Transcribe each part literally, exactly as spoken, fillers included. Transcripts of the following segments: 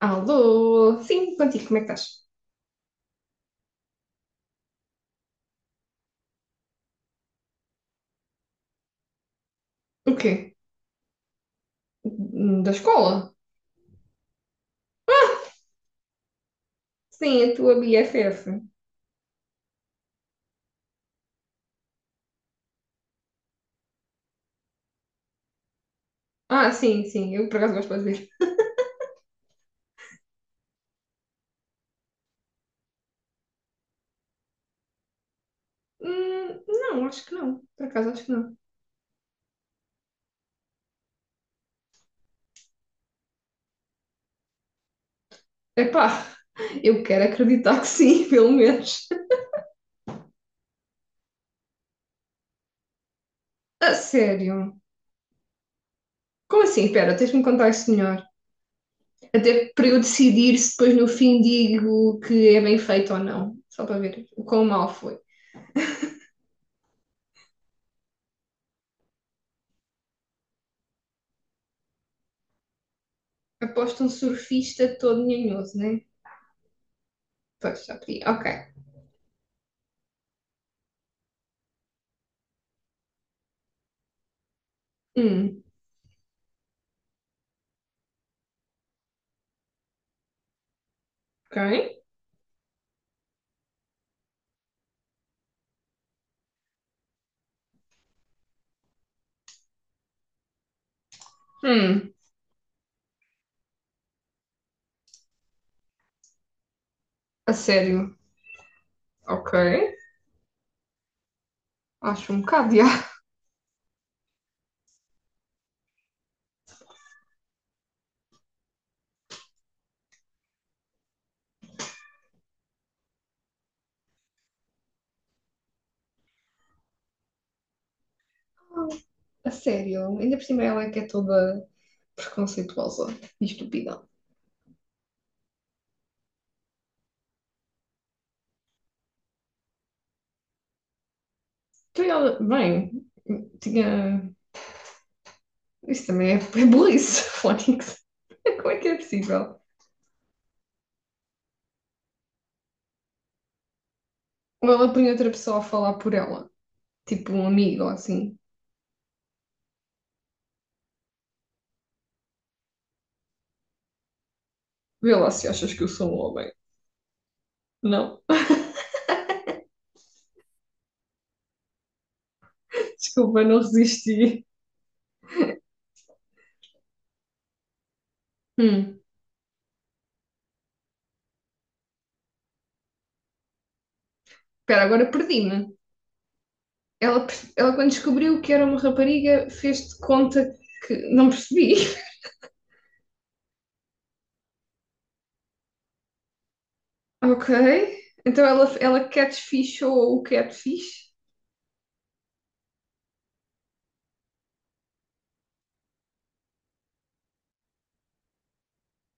Alô? Sim, contigo, como é que estás? O quê? Hum, Da escola? Ah, sim, a tua B F F. Ah, sim, sim, eu por acaso gosto de dizer. Hum, não, acho que não. Por acaso acho que não. Epá, eu quero acreditar que sim, pelo menos. A sério? Como assim? Espera, tens de me contar isso melhor. Até para eu decidir se depois no fim digo que é bem feito ou não. Só para ver o quão mal foi. Aposto um surfista todo nhanhoso, né? Pois, já pedi. Ok. Hum, ok. Hum. A sério? Ok. Acho um bocado de ar. A sério. Ainda por cima ela é que é toda preconceituosa e estúpida. Então ela, bem, tinha. Isso também é, é burrice, Fónix. Como é que é possível? Ou ela põe outra pessoa a falar por ela. Tipo um amigo assim. Vê lá se achas que eu sou um homem. Não. Desculpa, não resisti. Hum. Espera, agora perdi-me. Ela, ela, quando descobriu que era uma rapariga, fez de conta que não percebi. Ok. Então ela, ela catfishou o catfish.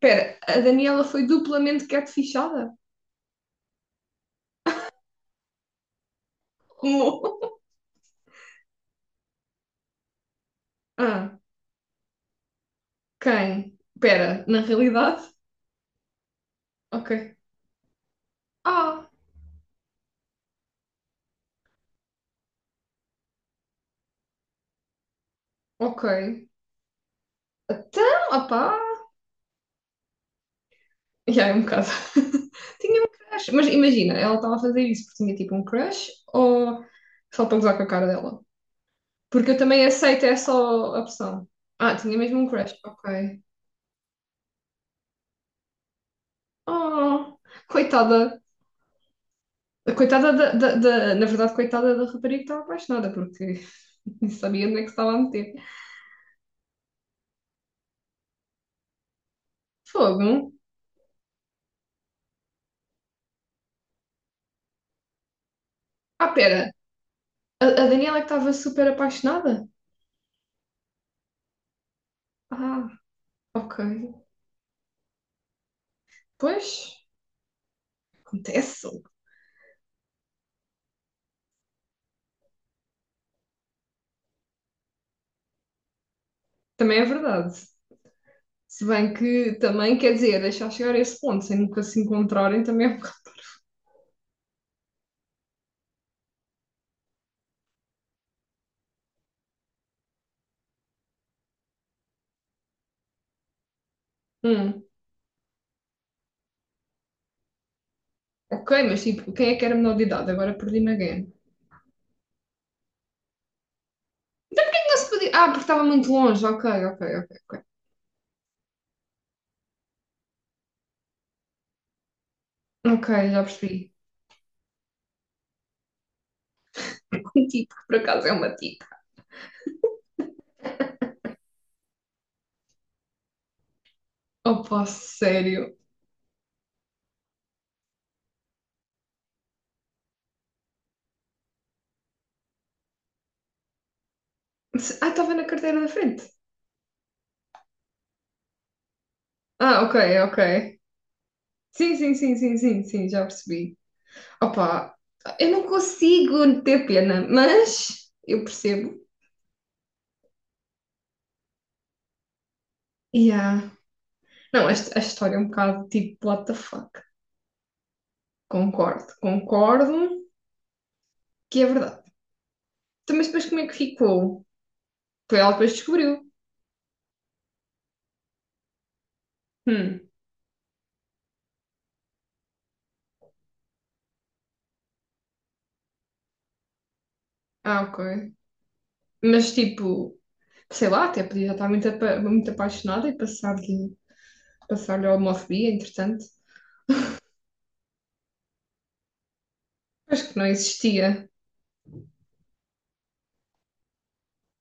Espera, a Daniela foi duplamente catfishada? Como? Ah, quem? Espera, na realidade? Ok. Ah, ok. Então, opá. Já é um bocado. Tinha um crush. Mas imagina, ela estava a fazer isso porque tinha tipo um crush ou só para gozar com a cara dela? Porque eu também aceito essa opção. Ah, tinha mesmo um crush, ok. Oh, coitada. Coitada da, da- da- na verdade, coitada da rapariga que estava apaixonada, porque não sabia onde é que se estava a meter. Fogo. Ah, pera. A, a Daniela que estava super apaixonada? Ah, ok. Pois, acontece. Também é verdade. Se bem que também, quer dizer, deixar chegar a esse ponto sem nunca se encontrarem também é um bocado. Hum, ok, mas tipo, quem é que era menor de idade? Agora perdi-me again. Não se podia. Ah, porque estava muito longe. Ok, ok, ok, ok. Ok, já percebi. Um tipo, que por acaso é uma tica. Opa, sério. Ah, estava na carteira da frente. Ah, ok, ok. Sim, sim, sim, sim, sim, sim, já percebi. Opa, eu não consigo ter pena, mas eu percebo. Yeah. Não, esta- a história é um bocado tipo, what the fuck. Concordo, concordo que é verdade. Então, mas depois como é que ficou? Foi ela que depois descobriu. Hum. Ah, ok. Mas tipo, sei lá, até podia estar muito, apa- muito apaixonada e passar-lhe passar a homofobia, entretanto. Acho que não existia.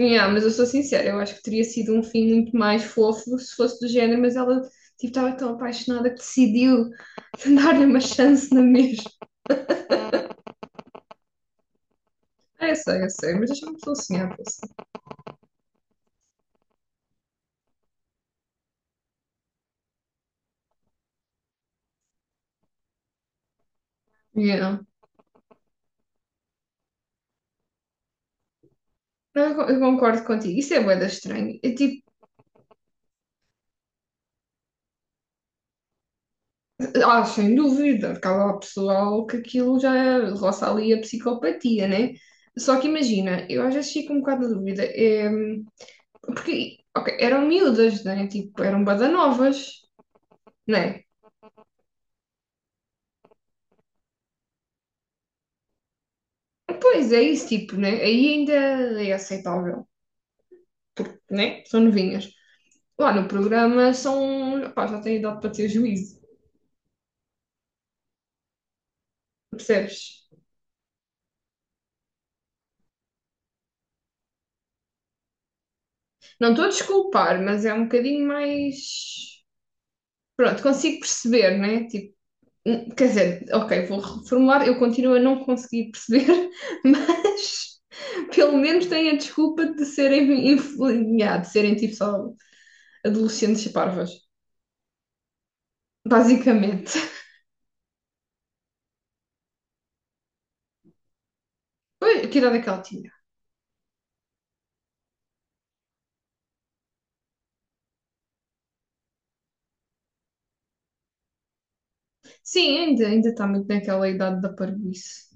Yeah, mas eu sou sincera, eu acho que teria sido um fim muito mais fofo se fosse do género, mas ela tipo, estava tão apaixonada que decidiu dar-lhe uma chance na mesma. Ah, eu sei, eu sei, mas deixa-me só sonhar com isso. Yeah. Não, Eu, con- eu concordo contigo, isso é bué da estranho. É tipo, ah, sem dúvida, porque há lá pessoal que aquilo já roça ali a psicopatia, né? Só que imagina, eu às vezes fico um bocado na dúvida, é, porque, ok, eram miúdas, né? Tipo, eram badanovas, né? Pois é isso, tipo, né? Aí ainda é aceitável, né? São novinhas. Lá no programa são, pá, já têm idade para ter juízo, percebes? Não estou a desculpar, mas é um bocadinho mais. Pronto, consigo perceber, né? Tipo, hum, quer dizer, ok, vou reformular. Eu continuo a não conseguir perceber, mas pelo menos têm a desculpa de serem, influ- yeah, de serem tipo só adolescentes e parvas, basicamente. Pois, que idade é que ela tinha? Sim, ainda, ainda está muito naquela idade da parvoíce.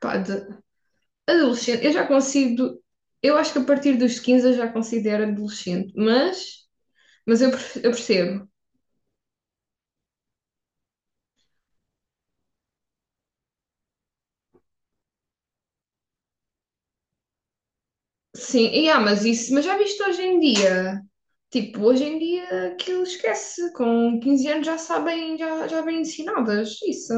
Pá, de adolescente, eu já consigo. Eu acho que a partir dos quinze eu já considero adolescente, mas, mas eu, perfe- eu percebo. Sim, e yeah, mas isso, mas já viste hoje em dia? Tipo, hoje em dia aquilo esquece, com quinze anos já sabem, já, já bem ensinadas, isso.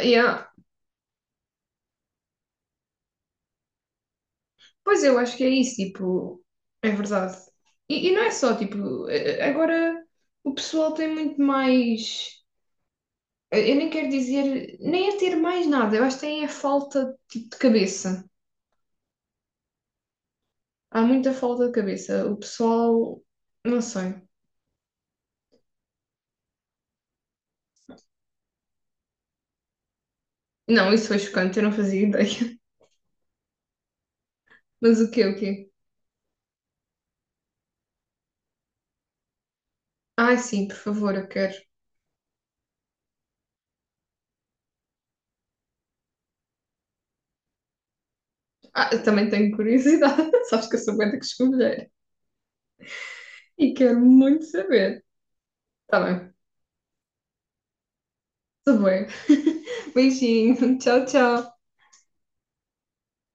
Yeah. Pois eu acho que é isso, tipo, é verdade. E, e não é só, tipo, eh, agora o pessoal tem muito mais, eu nem quero dizer, nem é ter mais nada, eu acho que tem a falta, tipo, de cabeça. Há muita falta de cabeça. O pessoal, não sei. Não, isso foi chocante, eu não fazia ideia. Mas o quê, o quê? Ah, sim, por favor, eu quero. Ah, eu também tenho curiosidade. Sabes que eu sou bué da que e quero muito saber. Tá bem. Tá bem. Beijinho. Tchau, tchau.